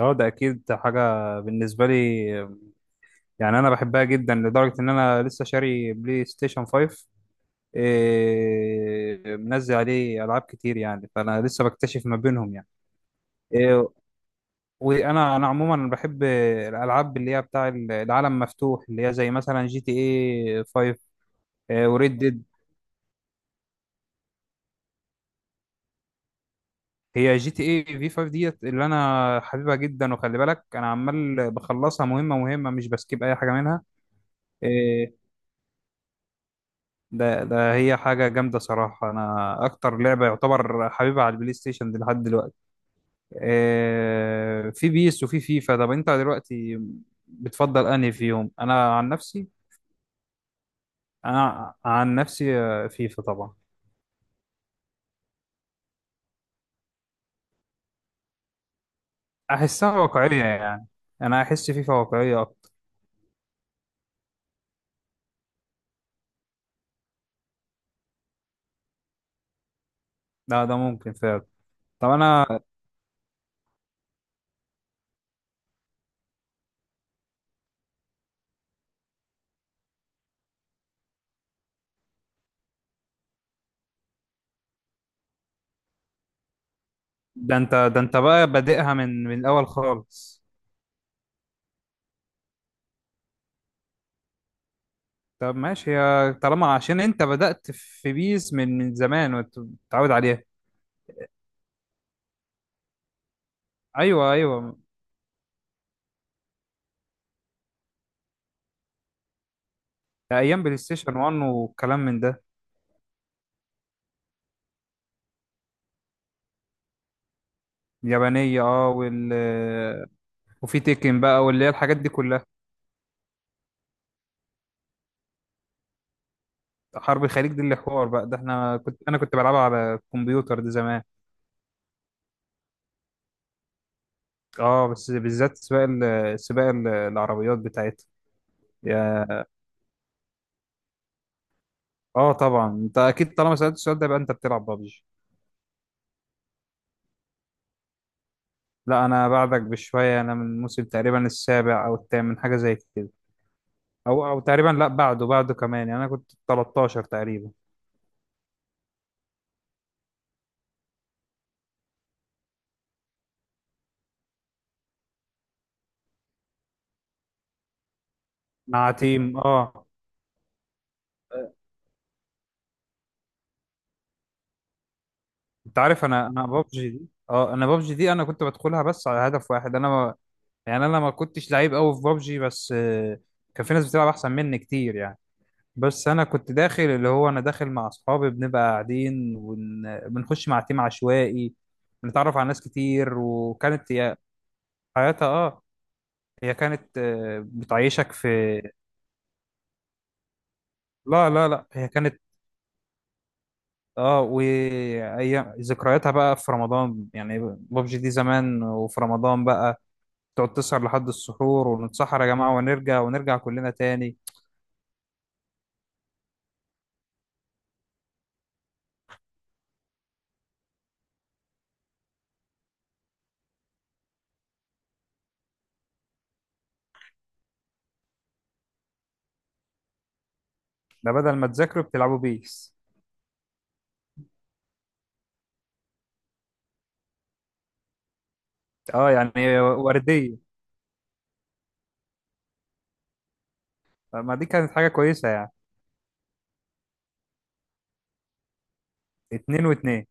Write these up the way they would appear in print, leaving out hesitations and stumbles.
اه، ده اكيد حاجه بالنسبه لي. يعني انا بحبها جدا لدرجه ان انا لسه شاري بلاي ستيشن 5. إيه، منزل عليه العاب كتير، يعني فانا لسه بكتشف ما بينهم يعني. إيه، وانا انا عموما بحب الالعاب اللي هي بتاع العالم مفتوح، اللي هي زي مثلا جي تي اي 5. إيه، وريد ديد. هي جي تي اي في 5 ديت اللي انا حبيبها جدا، وخلي بالك انا عمال بخلصها مهمه مهمه، مش بسكيب اي حاجه منها. إيه، ده هي حاجة جامدة صراحة. أنا أكتر لعبة يعتبر حبيبها على البلاي ستيشن دي لحد دلوقتي. في بيس وفي فيفا. طب أنت دلوقتي بتفضل أنهي فيهم؟ أنا عن نفسي. أنا عن نفسي فيفا طبعا. أحسها واقعية يعني. أنا أحس فيفا واقعية أكتر. ده ممكن فعلا. طب أنا. ده أنت بقى بادئها من الأول خالص. طب ماشي يا، طالما عشان أنت بدأت في بيس من زمان وأنت متعود عليها. ايوه، ايوه. ايام بلاي ستيشن 1 والكلام من ده. اليابانيه، اه. وال، وفي تيكن بقى، واللي هي الحاجات دي كلها. حرب الخليج دي اللي حوار بقى ده، احنا كنت، انا كنت بلعبها على الكمبيوتر ده زمان. اه، بس بالذات سباق ال- العربيات بتاعتها. يا، اه طبعا انت اكيد، طالما سالت السؤال ده يبقى انت بتلعب بابجي. لا، انا بعدك بشويه. انا من الموسم تقريبا السابع او الثامن، حاجه زي كده. او تقريبا، لا بعده، بعده كمان، يعني انا كنت 13 تقريبا. مع تيم، اه. انت عارف انا بابجي دي، اه انا بابجي دي انا كنت بدخلها بس على هدف واحد. انا ما يعني انا ما كنتش لعيب قوي في بابجي، بس كان في ناس بتلعب احسن مني كتير يعني. بس انا كنت داخل، اللي هو انا داخل مع اصحابي، بنبقى قاعدين وبنخش مع تيم عشوائي، بنتعرف على ناس كتير. وكانت هي حياتها، اه. هي كانت بتعيشك في. لا لا لا، هي كانت. اه، وايام ذكرياتها بقى في رمضان، يعني بابجي دي زمان وفي رمضان بقى تقعد تسهر لحد السحور ونتسحر يا جماعة، ونرجع ونرجع كلنا تاني. ده بدل ما تذاكروا بتلعبوا بيس؟ اه، يعني وردية. طب ما دي كانت حاجة كويسة يعني. اتنين واتنين.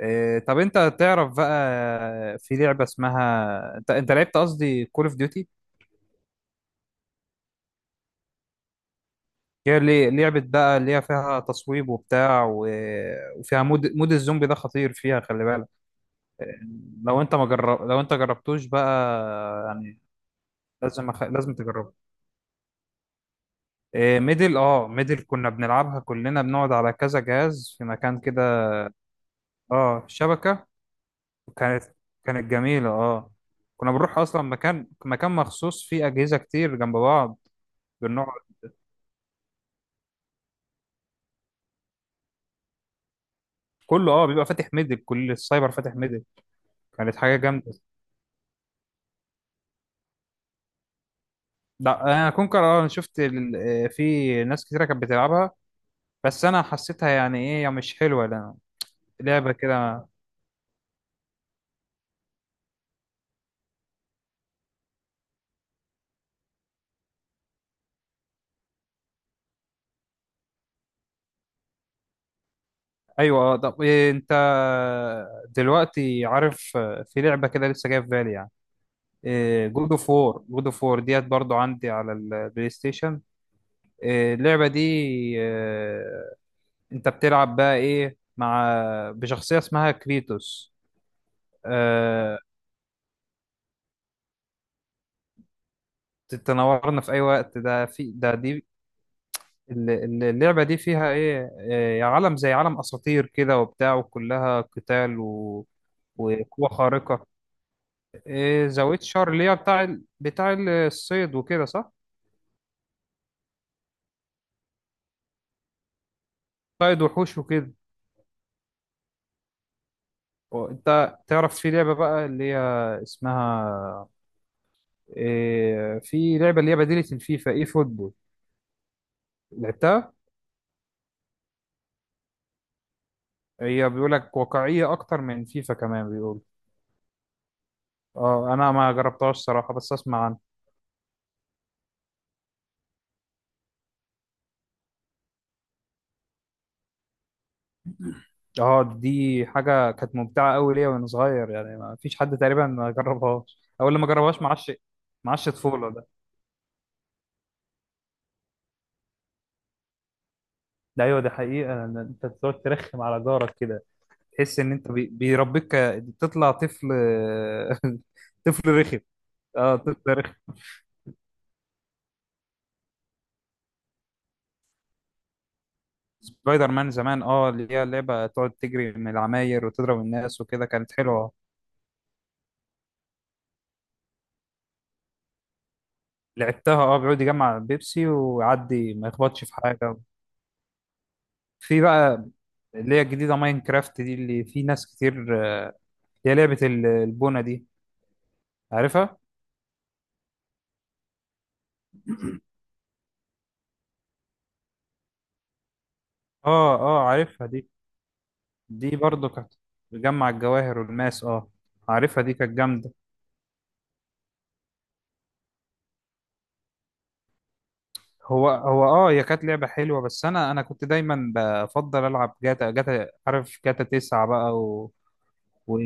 إيه، طب انت تعرف بقى في لعبة اسمها، انت لعبت قصدي كول اوف ديوتي؟ هي اللي لعبة بقى اللي هي فيها تصويب وبتاع وفيها مود الزومبي، ده خطير فيها، خلي بالك. إيه، لو انت ما جرب... لو انت جربتوش بقى. يعني لازم تجربه. إيه، ميدل، ميدل كنا بنلعبها كلنا، بنقعد على كذا جهاز في مكان كده. اه، شبكة. كانت كانت جميلة، اه. كنا بنروح اصلا مكان مخصوص فيه اجهزة كتير جنب بعض. بنقعد. كله، اه، بيبقى فاتح ميدل، كل السايبر فاتح ميدل. كانت حاجة جامدة. لا، انا كونكر، اه. أنا شفت ال-، في ناس كتيرة كانت بتلعبها، بس انا حسيتها يعني ايه، يعني مش حلوة لأ. لعبة كده. ايوه، اه. طب إيه، انت دلوقتي عارف في لعبة كده لسه جاية في بالي يعني؟ جود اوف وور ديت برضو عندي على البلاي ستيشن. إيه، اللعبة دي. آه، انت بتلعب بقى ايه؟ بشخصية اسمها كريتوس. آه، تتنورنا في اي وقت. ده في ده دي. اللعبة دي فيها ايه، عالم زي عالم اساطير كده وبتاع، وكلها قتال و وقوة خارقة. إيه، ذا ويتشر اللي هي بتاع الصيد وكده، صح؟ صيد وحوش وكده. وانت تعرف في لعبة بقى اللي هي اسمها إيه، في لعبة اللي هي بديلة الفيفا، ايه فوتبول؟ لعبتها؟ هي بيقول لك واقعية اكتر من فيفا كمان بيقول. اه، انا ما جربتهاش صراحة، بس اسمع عنها. اه، دي حاجة كانت ممتعة قوي ليا وانا صغير، يعني ما فيش حد تقريبا ما جربهاش او اللي ما جربهاش معاش طفولة ده. ده ايوه، دي حقيقة، لأن انت بتقعد ترخم على جارك كده. تحس ان انت بيربيك، تطلع طفل. طفل رخم. اه، طفل رخم. سبايدر مان زمان، اه، اللي هي لعبة تقعد تجري من العماير وتضرب الناس وكده، كانت حلوة. لعبتها، اه. بيقعد يجمع بيبسي ويعدي ما يخبطش في حاجة. في بقى اللي هي الجديدة ماينكرافت دي اللي في ناس كتير، آه، اللي هي لعبة ال- البونة دي، عارفها؟ اه، اه، عارفها دي. دي برضو كانت بتجمع الجواهر والماس، اه. عارفها دي، كانت جامدة. هو هو اه هي كانت لعبة حلوة، بس انا كنت دايما بفضل العب جاتا عارف، جاتا 9 بقى و...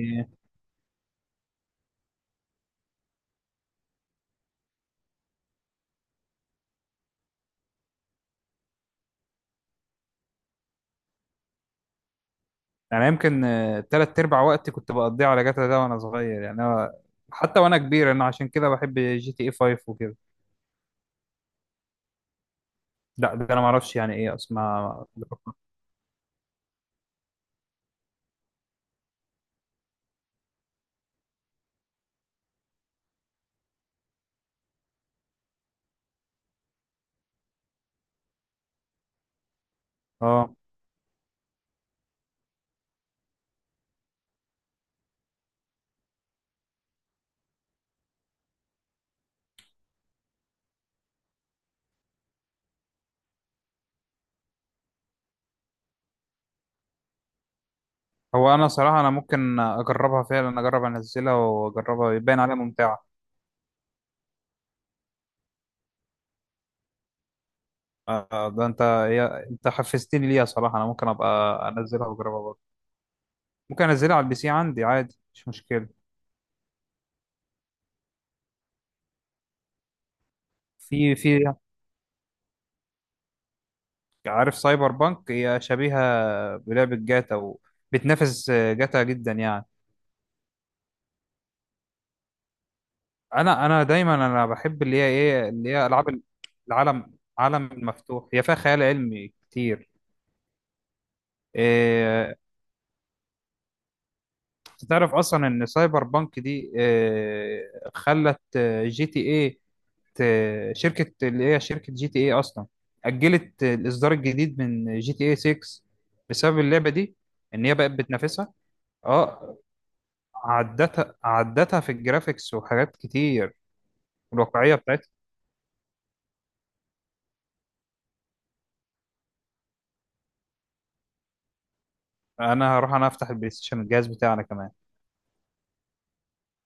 يعني يمكن تلات ارباع وقتي كنت بقضيه على جاتا ده وانا صغير، يعني أنا حتى وانا كبير، انا عشان كده بحب جي تي اي 5 وكده. لا، ده انا ما اعرفش يعني ايه اسمها. اه. هو انا صراحة انا ممكن اجربها فعلا، اجرب انزلها واجربها، يبان عليها ممتعة. ده انت، انت حفزتني ليها صراحة. انا ممكن ابقى انزلها واجربها برضه. ممكن انزلها على البي سي عندي عادي، مش مشكلة. في عارف سايبر بانك هي شبيهة بلعبة جاتا، وبتنافس جاتا جدا يعني. انا دايما انا بحب اللي هي ايه، اللي هي العاب ال- العالم عالم مفتوح. هي فيها خيال علمي كتير. إيه. تعرف اصلا ان سايبر بانك دي إيه، خلت جي تي ايه ت- شركه اللي هي شركه جي تي ايه اصلا اجلت الاصدار الجديد من جي تي ايه 6 بسبب اللعبه دي. ان هي بقت بتنافسها، اه. عدتها في الجرافيكس وحاجات كتير، والواقعيه بتاعتها. انا هروح انا افتح البلاي ستيشن الجهاز بتاعنا كمان.